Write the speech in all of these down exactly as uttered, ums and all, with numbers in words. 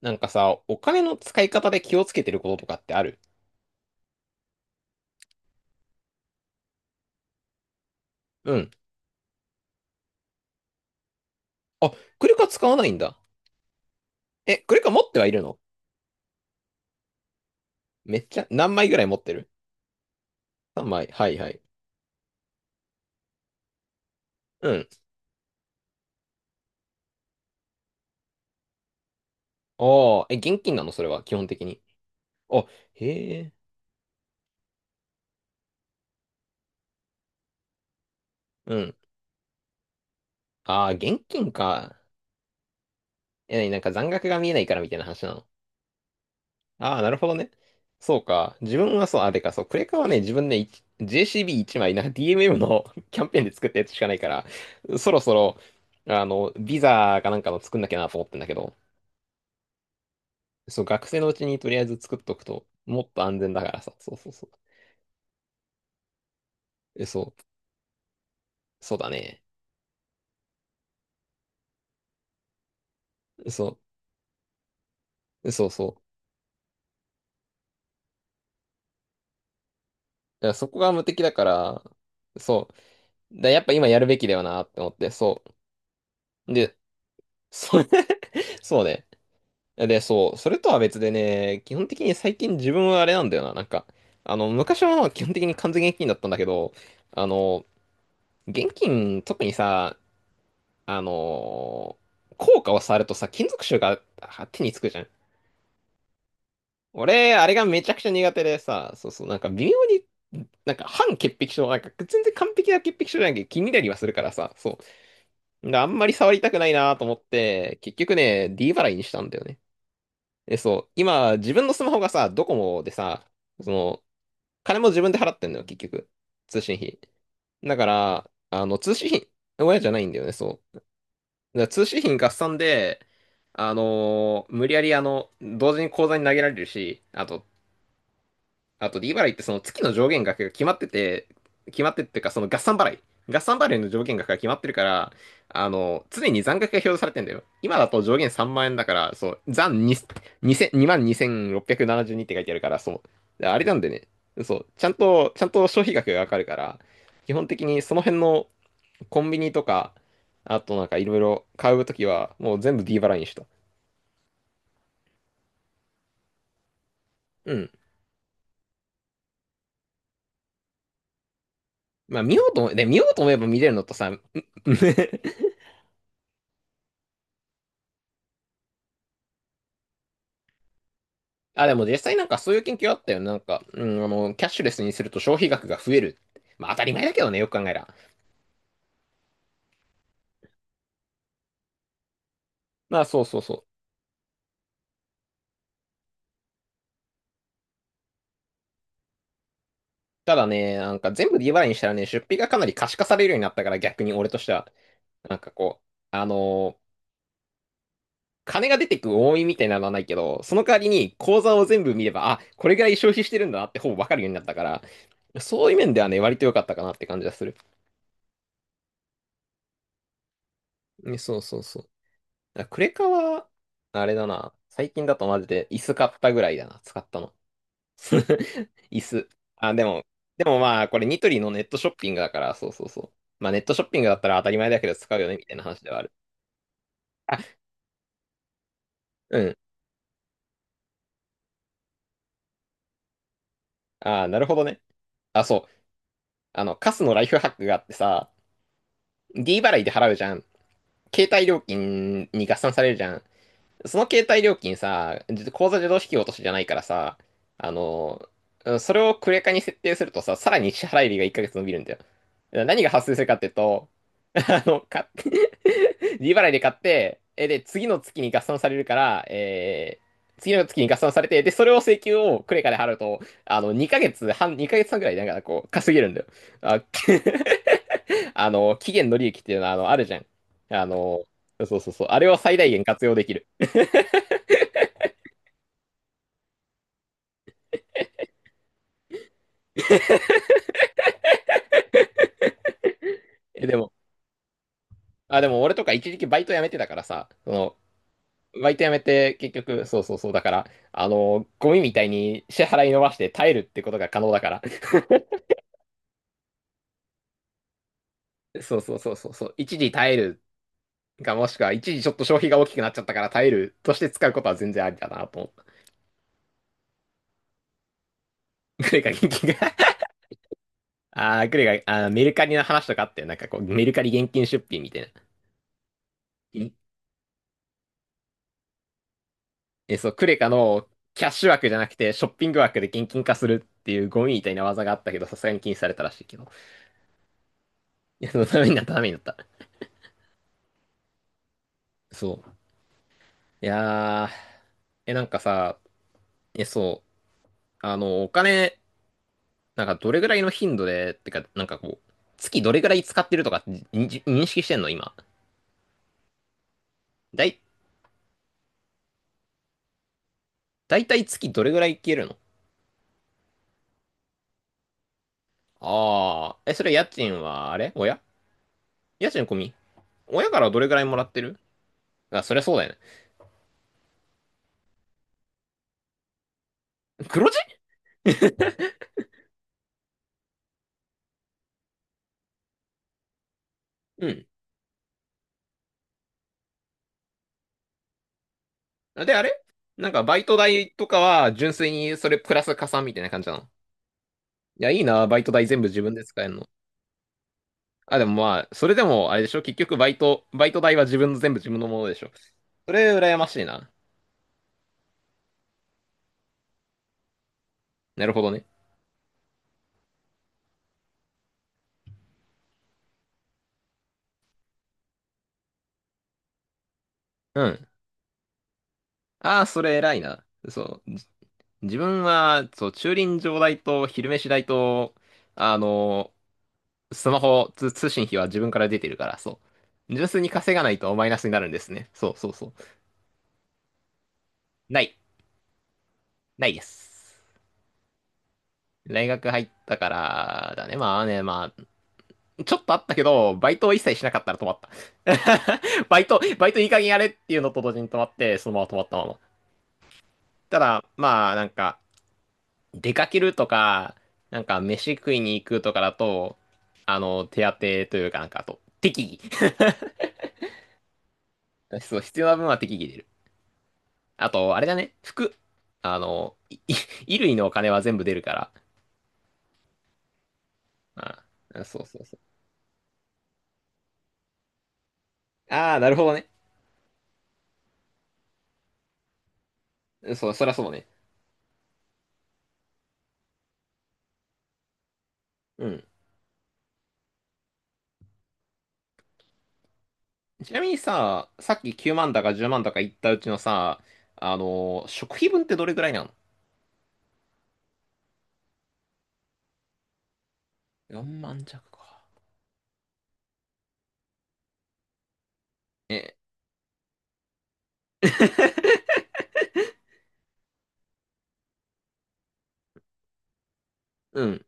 なんかさ、お金の使い方で気をつけてることとかってある？うん。あ、クレカ使わないんだ。え、クレカ持ってはいるの？めっちゃ、何枚ぐらい持ってる？ さん 枚。はいはい。うん。ああ、え、現金なのそれは、基本的に？あ、へえ。うん。ああ、現金か。え、なんか残額が見えないからみたいな話なの？ああ、なるほどね。そうか。自分はそう、あ、でか、そう、クレカはね、自分ね、い ジェーシービーいち 枚、な ディーエムエム の キャンペーンで作ったやつしかないから、そろそろ、あの、ビザかなんかの作んなきゃなと思ってんだけど、そう、学生のうちにとりあえず作っとくと、もっと安全だからさ、そうそうそう。え、そう、そうだね。そう、そうそう。だからそこが無敵だから、そう。だからやっぱ今やるべきだよなって思って、そう。で、それ そうね。で、そう、それとは別でね、基本的に最近自分はあれなんだよな、なんか、あの、昔は基本的に完全現金だったんだけど、あの、現金、特にさ、あの、硬貨を触るとさ、金属臭があ手につくじゃん。俺、あれがめちゃくちゃ苦手でさ、そうそう、なんか微妙に、なんか半潔癖症、なんか全然完璧な潔癖症じゃなきゃ気になりはするからさ、そう。だからあんまり触りたくないなと思って、結局ね、D 払いにしたんだよね。え、そう、今、自分のスマホがさ、ドコモでさ、その、金も自分で払ってんのよ、結局。通信費。だから、あの、通信費、親じゃないんだよね、そう。だから通信費合算で、あのー無理やり、あの、同時に口座に投げられるし、あと、あと D 払いってその月の上限額が決まってて、決まってっていうかその合算払い。合算払いの上限額が決まってるから、あの、常に残額が表示されてんだよ。今だと上限さんまん円だから、そう、残に、にせん にまんにせんろっぴゃくななじゅうにっぴゃくななじゅうにって書いてあるから、そう。あれなんでね、そう、ちゃんと、ちゃんと消費額がわかるから、基本的にその辺のコンビニとか、あとなんかいろいろ買うときは、もう全部 D 払いにした。うん。まあ見ようと思え、で、見ようと思えば見れるのとさ、あ、でも実際なんかそういう研究あったよね。なんか、うん、あの、キャッシュレスにすると消費額が増える。まあ当たり前だけどね、よく考えら。まあそうそうそう。ただね、なんか全部 D 払いにしたらね、出費がかなり可視化されるようになったから逆に俺としては、なんかこう、あのー金が出てく多いみたいなのはないけど、その代わりに口座を全部見れば、あ、これぐらい消費してるんだなってほぼわかるようになったから、そういう面ではね、割と良かったかなって感じがする。ね、そうそうそう。だからクレカは、あれだな。最近だとマジで椅子買ったぐらいだな、使ったの。椅子。あ、でも、でもまあ、これニトリのネットショッピングだから、そうそうそう。まあ、ネットショッピングだったら当たり前だけど使うよね、みたいな話ではある。あ、うん。あ、なるほどね。あ、そう。あの、カスのライフハックがあってさ、D 払いで払うじゃん。携帯料金に合算されるじゃん。その携帯料金さ、口座自動引き落としじゃないからさ、あの、うそれをクレカに設定するとさ、さらに支払い日がいっかげつ伸びるんだよ。何が発生するかっていうと、あの、買って 利払い で買って、え、で、次の月に合算されるから、えー次の月に合算されて、で、それを請求をクレカで払うと、あの、にかげつはん、にかげつはんぐらい、なんかこう、稼げるんだよ。あ、あの、期限の利益っていうのは、あの、あるじゃん。あの、そうそうそう、あれを最大限活用できる。え、でも、あ、でも俺とか一時期バイト辞めてたからさ、その、バイト辞めて結局、そうそうそう、だから、あの、ゴミみたいに支払い伸ばして耐えるってことが可能だから、そうそうそうそう、そう一時耐えるか、もしくは一時ちょっと消費が大きくなっちゃったから耐えるとして使うことは全然ありだなと思った。クレカ現金が あー、クレカ、あー、メルカリの話とかあってなんかこう、メルカリ現金出品みたいな。んえ、そう、クレカのキャッシュ枠じゃなくて、ショッピング枠で現金化するっていうゴミみたいな技があったけど、さすがに禁止されたらしいけど。いや、そのためになった、ためになった。そう。いやー、え、なんかさ、え、そう、あの、お金、なんかどれぐらいの頻度で、ってか、なんかこう、月どれぐらい使ってるとか認認識してんの今？だい、だいたい月どれぐらい消えるの？あー、え、それ家賃は、あれ親、家賃込み？親からどれぐらいもらってる？あ、そりゃそうだよね。黒字？うん。あで、あれなんかバイト代とかは純粋にそれプラス加算みたいな感じなの？いや、いいな、バイト代全部自分で使えるの。あ、でもまあ、それでもあれでしょ結局バイト、バイト代は自分の全部自分のものでしょ？それ羨ましいな。なるほどね。うん。ああ、それ偉いな。そう。自分は、そう、駐輪場代と昼飯代と、あの、スマホ通、通信費は自分から出てるから、そう。純粋に稼がないとマイナスになるんですね。そうそうそう。ない。ないです。大学入ったから、だね。まあね、まあ、ちょっとあったけど、バイトを一切しなかったら止まった。バイト、バイトいい加減やれっていうのと同時に止まって、そのまま止まったまま。ただ、まあ、なんか、出かけるとか、なんか、飯食いに行くとかだと、あの、手当てというかなんか、あと、適宜。そう、必要な分は適宜出る。あと、あれだね、服。あの、いい 衣類のお金は全部出るから。ああ、そうそうそう。ああ、なるほどね。そう、そりゃそうね。うん。ちなみにさ、さっききゅうまんだかじゅうまんだか言ったうちのさ、あのー食費分ってどれぐらいなの？ よん 万弱か。え、うん、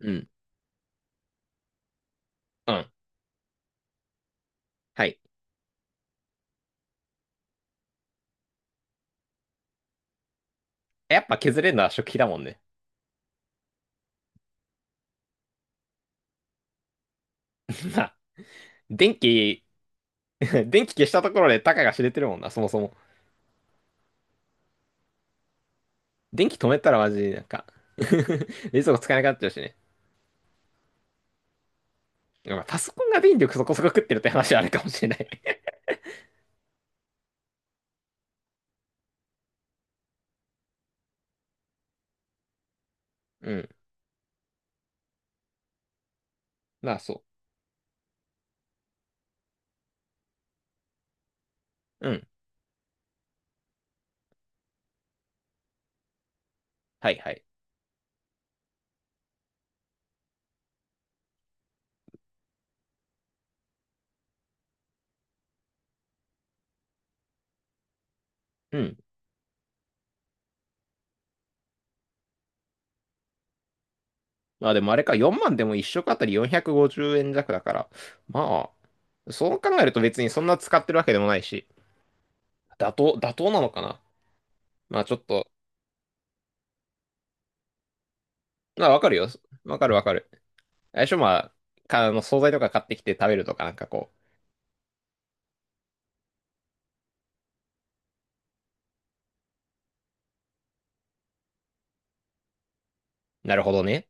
うん、うん。はい。やっぱ削れるのは食費だもんね。まあ、電気、電気消したところでたかが知れてるもんな、そもそも。電気止めたらマジなんか 冷蔵庫使えなくなっちゃうしね。まあパソコンが電力そこそこ食ってるって話はあるかもしれない うん。まあそう。うん。はいはい。うん。まあ、でもあれか、よんまんでもいっ食あたりよんひゃくごじゅうえん弱だから。まあ、そう考えると別にそんな使ってるわけでもないし、妥当、妥当なのかな。まあちょっと、まあわかるよ。わかるわかる。最初まあ、か、あの、惣菜とか買ってきて食べるとかなんかこう、なるほどね。